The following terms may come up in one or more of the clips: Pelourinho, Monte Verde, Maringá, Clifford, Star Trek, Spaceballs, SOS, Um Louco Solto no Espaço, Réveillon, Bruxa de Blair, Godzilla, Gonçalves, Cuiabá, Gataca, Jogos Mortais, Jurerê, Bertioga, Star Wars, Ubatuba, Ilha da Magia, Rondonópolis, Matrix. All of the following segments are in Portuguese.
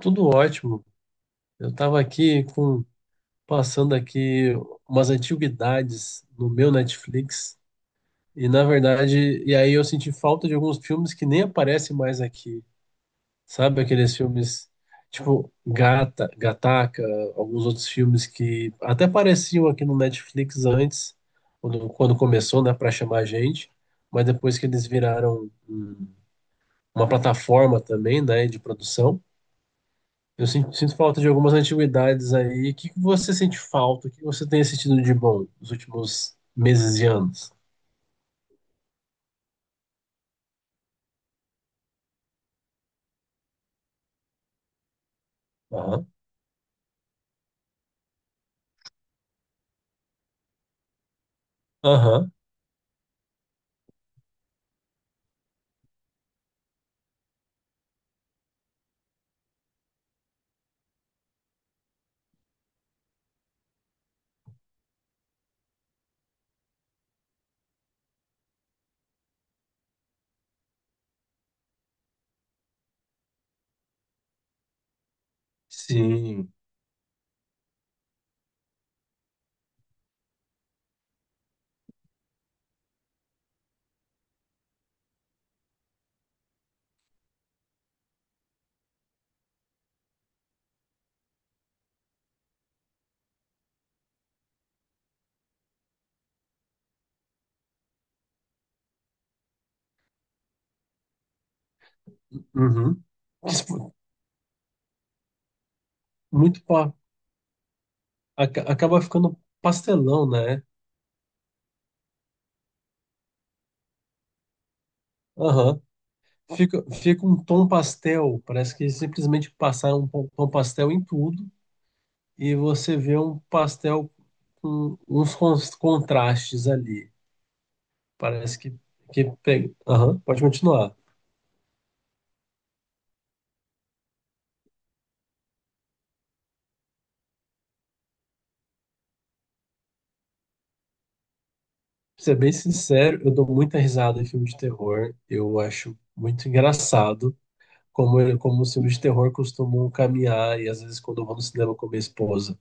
Tudo ótimo. Eu estava aqui com passando aqui umas antiguidades no meu Netflix e aí eu senti falta de alguns filmes que nem aparecem mais aqui. Sabe aqueles filmes tipo Gata, Gataca, alguns outros filmes que até apareciam aqui no Netflix antes, quando começou, né, para chamar a gente, mas depois que eles viraram uma plataforma também, né, de produção. Eu sinto falta de algumas antiguidades aí. O que que você sente falta? O que você tem sentido de bom nos últimos meses e anos? Aham, aham, sim. Uhum. Isso. Muito pa... aca- acaba ficando pastelão, né? Aham. Fica, fica um tom pastel. Parece que simplesmente passaram um tom pastel em tudo e você vê um pastel com uns contrastes ali. Parece que pega. Aham, pode continuar. Pra ser bem sincero, eu dou muita risada em filme de terror. Eu acho muito engraçado como os filmes de terror costumam caminhar. E às vezes, quando eu vou no cinema com minha esposa,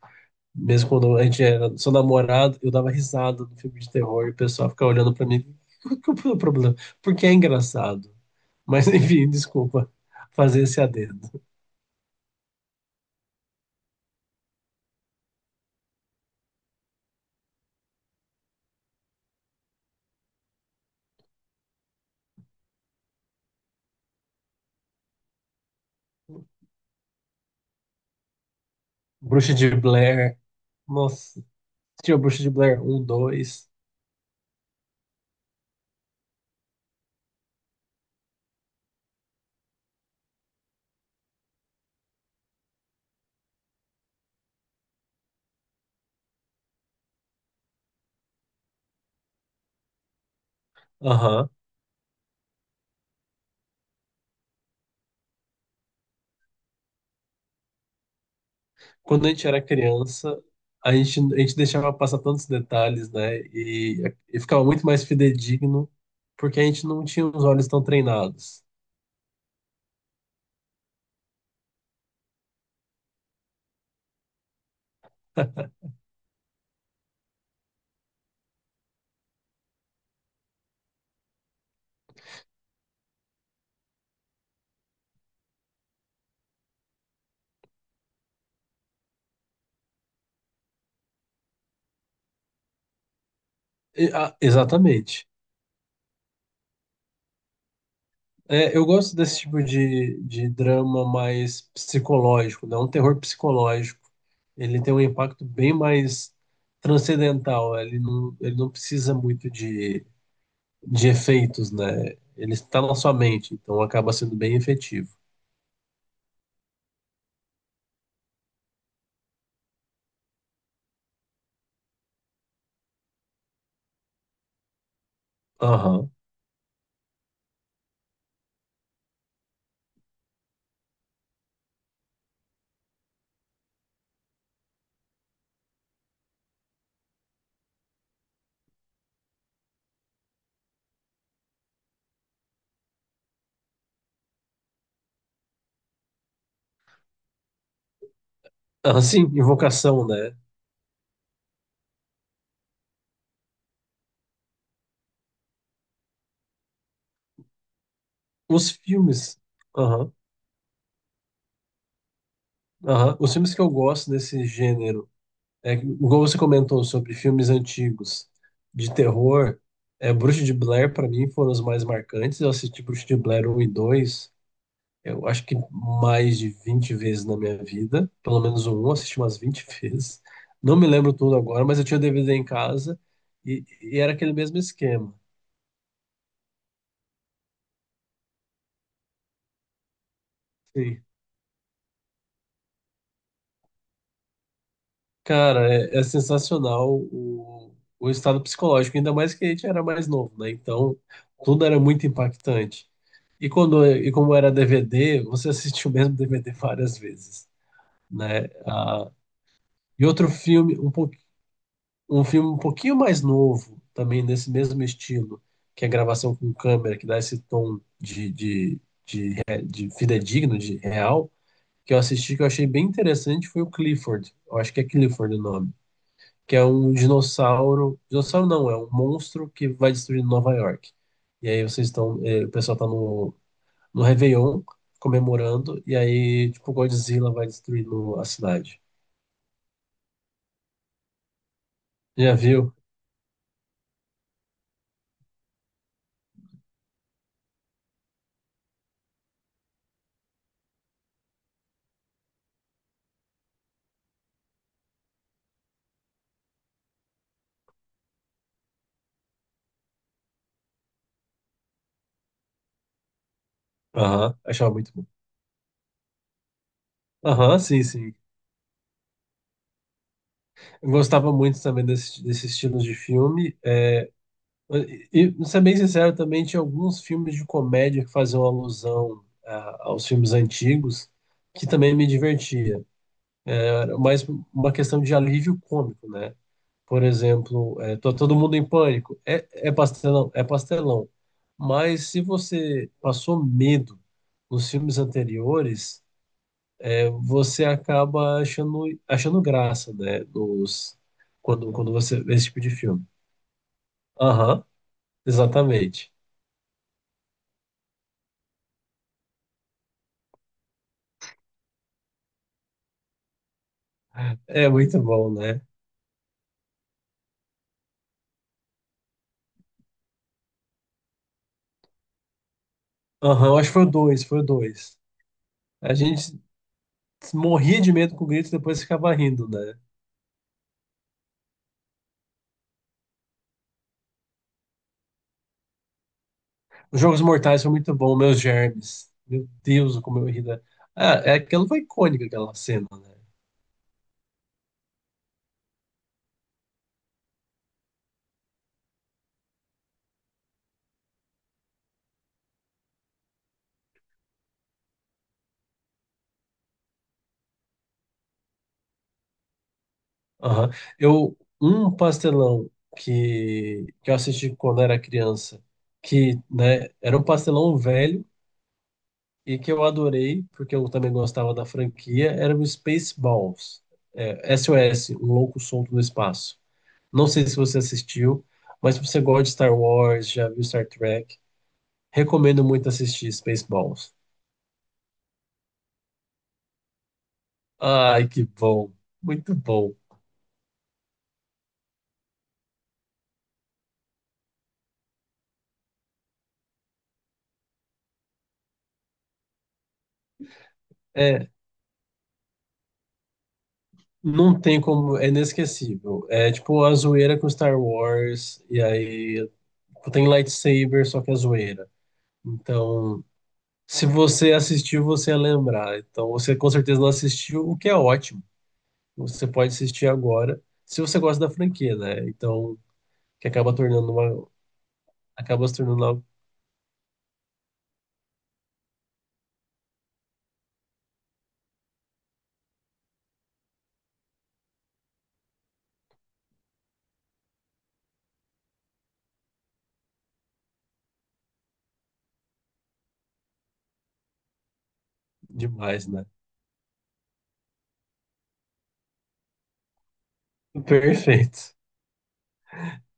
mesmo quando a gente era só namorado, eu dava risada no filme de terror e o pessoal ficava olhando pra mim. Qual que é o problema? Porque é engraçado. Mas enfim, desculpa fazer esse adendo. Bruxa de Blair. Nossa, tinha Bruxa de Blair um dois. Aham. Quando a gente era criança, a gente deixava passar tantos detalhes, né? E ficava muito mais fidedigno, porque a gente não tinha os olhos tão treinados. Ah, exatamente. É, eu gosto desse tipo de drama mais psicológico, né? Um terror psicológico. Ele tem um impacto bem mais transcendental, né? Ele não precisa muito de efeitos, né? Ele está na sua mente, então acaba sendo bem efetivo. Aham. Ah, sim, invocação, né? Os filmes, aham, aham. Os filmes que eu gosto desse gênero, é, igual você comentou sobre filmes antigos de terror, é, Bruxa de Blair para mim foram os mais marcantes. Eu assisti Bruxa de Blair um e 2, eu acho que mais de 20 vezes na minha vida, pelo menos o 1 eu assisti umas 20 vezes. Não me lembro tudo agora, mas eu tinha o DVD em casa e era aquele mesmo esquema. Cara, é, é sensacional o estado psicológico, ainda mais que a gente era mais novo, né? Então, tudo era muito impactante. E quando, e como era DVD, você assistiu o mesmo DVD várias vezes, né? Ah, e outro filme, um filme um pouquinho mais novo, também nesse mesmo estilo, que é a gravação com câmera, que dá esse tom de fidedigno, de real, que eu assisti, que eu achei bem interessante, foi o Clifford. Eu acho que é Clifford o nome, que é um dinossauro. Dinossauro não, é um monstro que vai destruir Nova York. E aí vocês estão. O pessoal tá no, no Réveillon comemorando, e aí, tipo, Godzilla vai destruindo a cidade. Já viu? Aham, achava muito bom. Aham, sim, sim. Eu gostava muito também desse, desse estilo de filme. É, e, ser bem sincero, também tinha alguns filmes de comédia que faziam alusão aos filmes antigos, que também me divertia. Era mais uma questão de alívio cômico, né? Por exemplo, é, todo mundo em pânico. É, é pastelão, é pastelão. Mas se você passou medo nos filmes anteriores, é, você acaba achando, achando graça, né? Dos, quando você vê esse tipo de filme. Aham, exatamente. É muito bom, né? Aham, acho que foi o dois, foi o dois. A gente morria de medo com o grito e depois ficava rindo, né? Os Jogos Mortais foi muito bom, meus germes. Meu Deus, como eu ri da... Ah, é, aquela foi icônica, aquela cena, né? Aham. Eu, um pastelão que eu assisti quando era criança, que, né, era um pastelão velho e que eu adorei, porque eu também gostava da franquia, era o Spaceballs. É, SOS, Um Louco Solto no Espaço. Não sei se você assistiu, mas se você gosta de Star Wars, já viu Star Trek, recomendo muito assistir Spaceballs. Ai, que bom. Muito bom. É, não tem como, é inesquecível. É tipo a zoeira com Star Wars, e aí tipo, tem lightsaber, só que é zoeira. Então, se você assistiu, você ia lembrar. Então, você com certeza não assistiu, o que é ótimo. Você pode assistir agora, se você gosta da franquia, né? Então, que acaba tornando uma, acaba se tornando algo demais, né? Perfeito.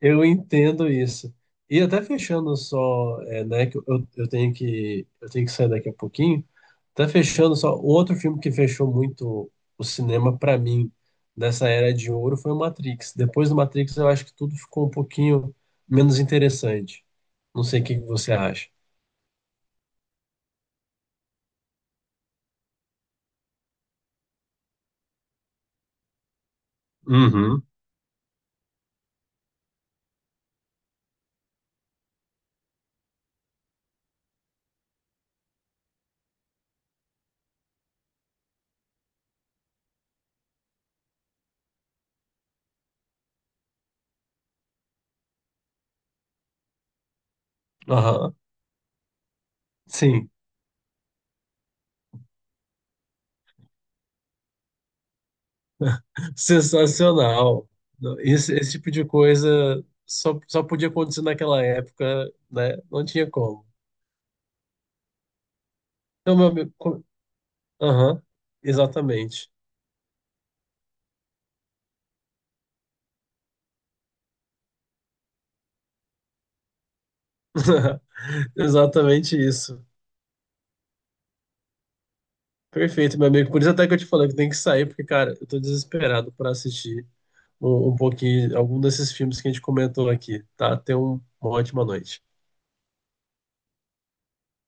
Eu entendo isso. E até fechando só, é, né, que eu tenho que sair daqui a pouquinho. Até fechando só, outro filme que fechou muito o cinema para mim nessa era de ouro foi o Matrix. Depois do Matrix, eu acho que tudo ficou um pouquinho menos interessante. Não sei o que que você acha. Uhum. Aham. Sim. Sensacional. Esse tipo de coisa só, só podia acontecer naquela época, né? Não tinha como. Então, meu amigo, aham, exatamente. Exatamente isso. Perfeito, meu amigo. Por isso até que eu te falei que tem que sair, porque, cara, eu tô desesperado pra assistir um pouquinho, algum desses filmes que a gente comentou aqui, tá? Tenha uma ótima noite.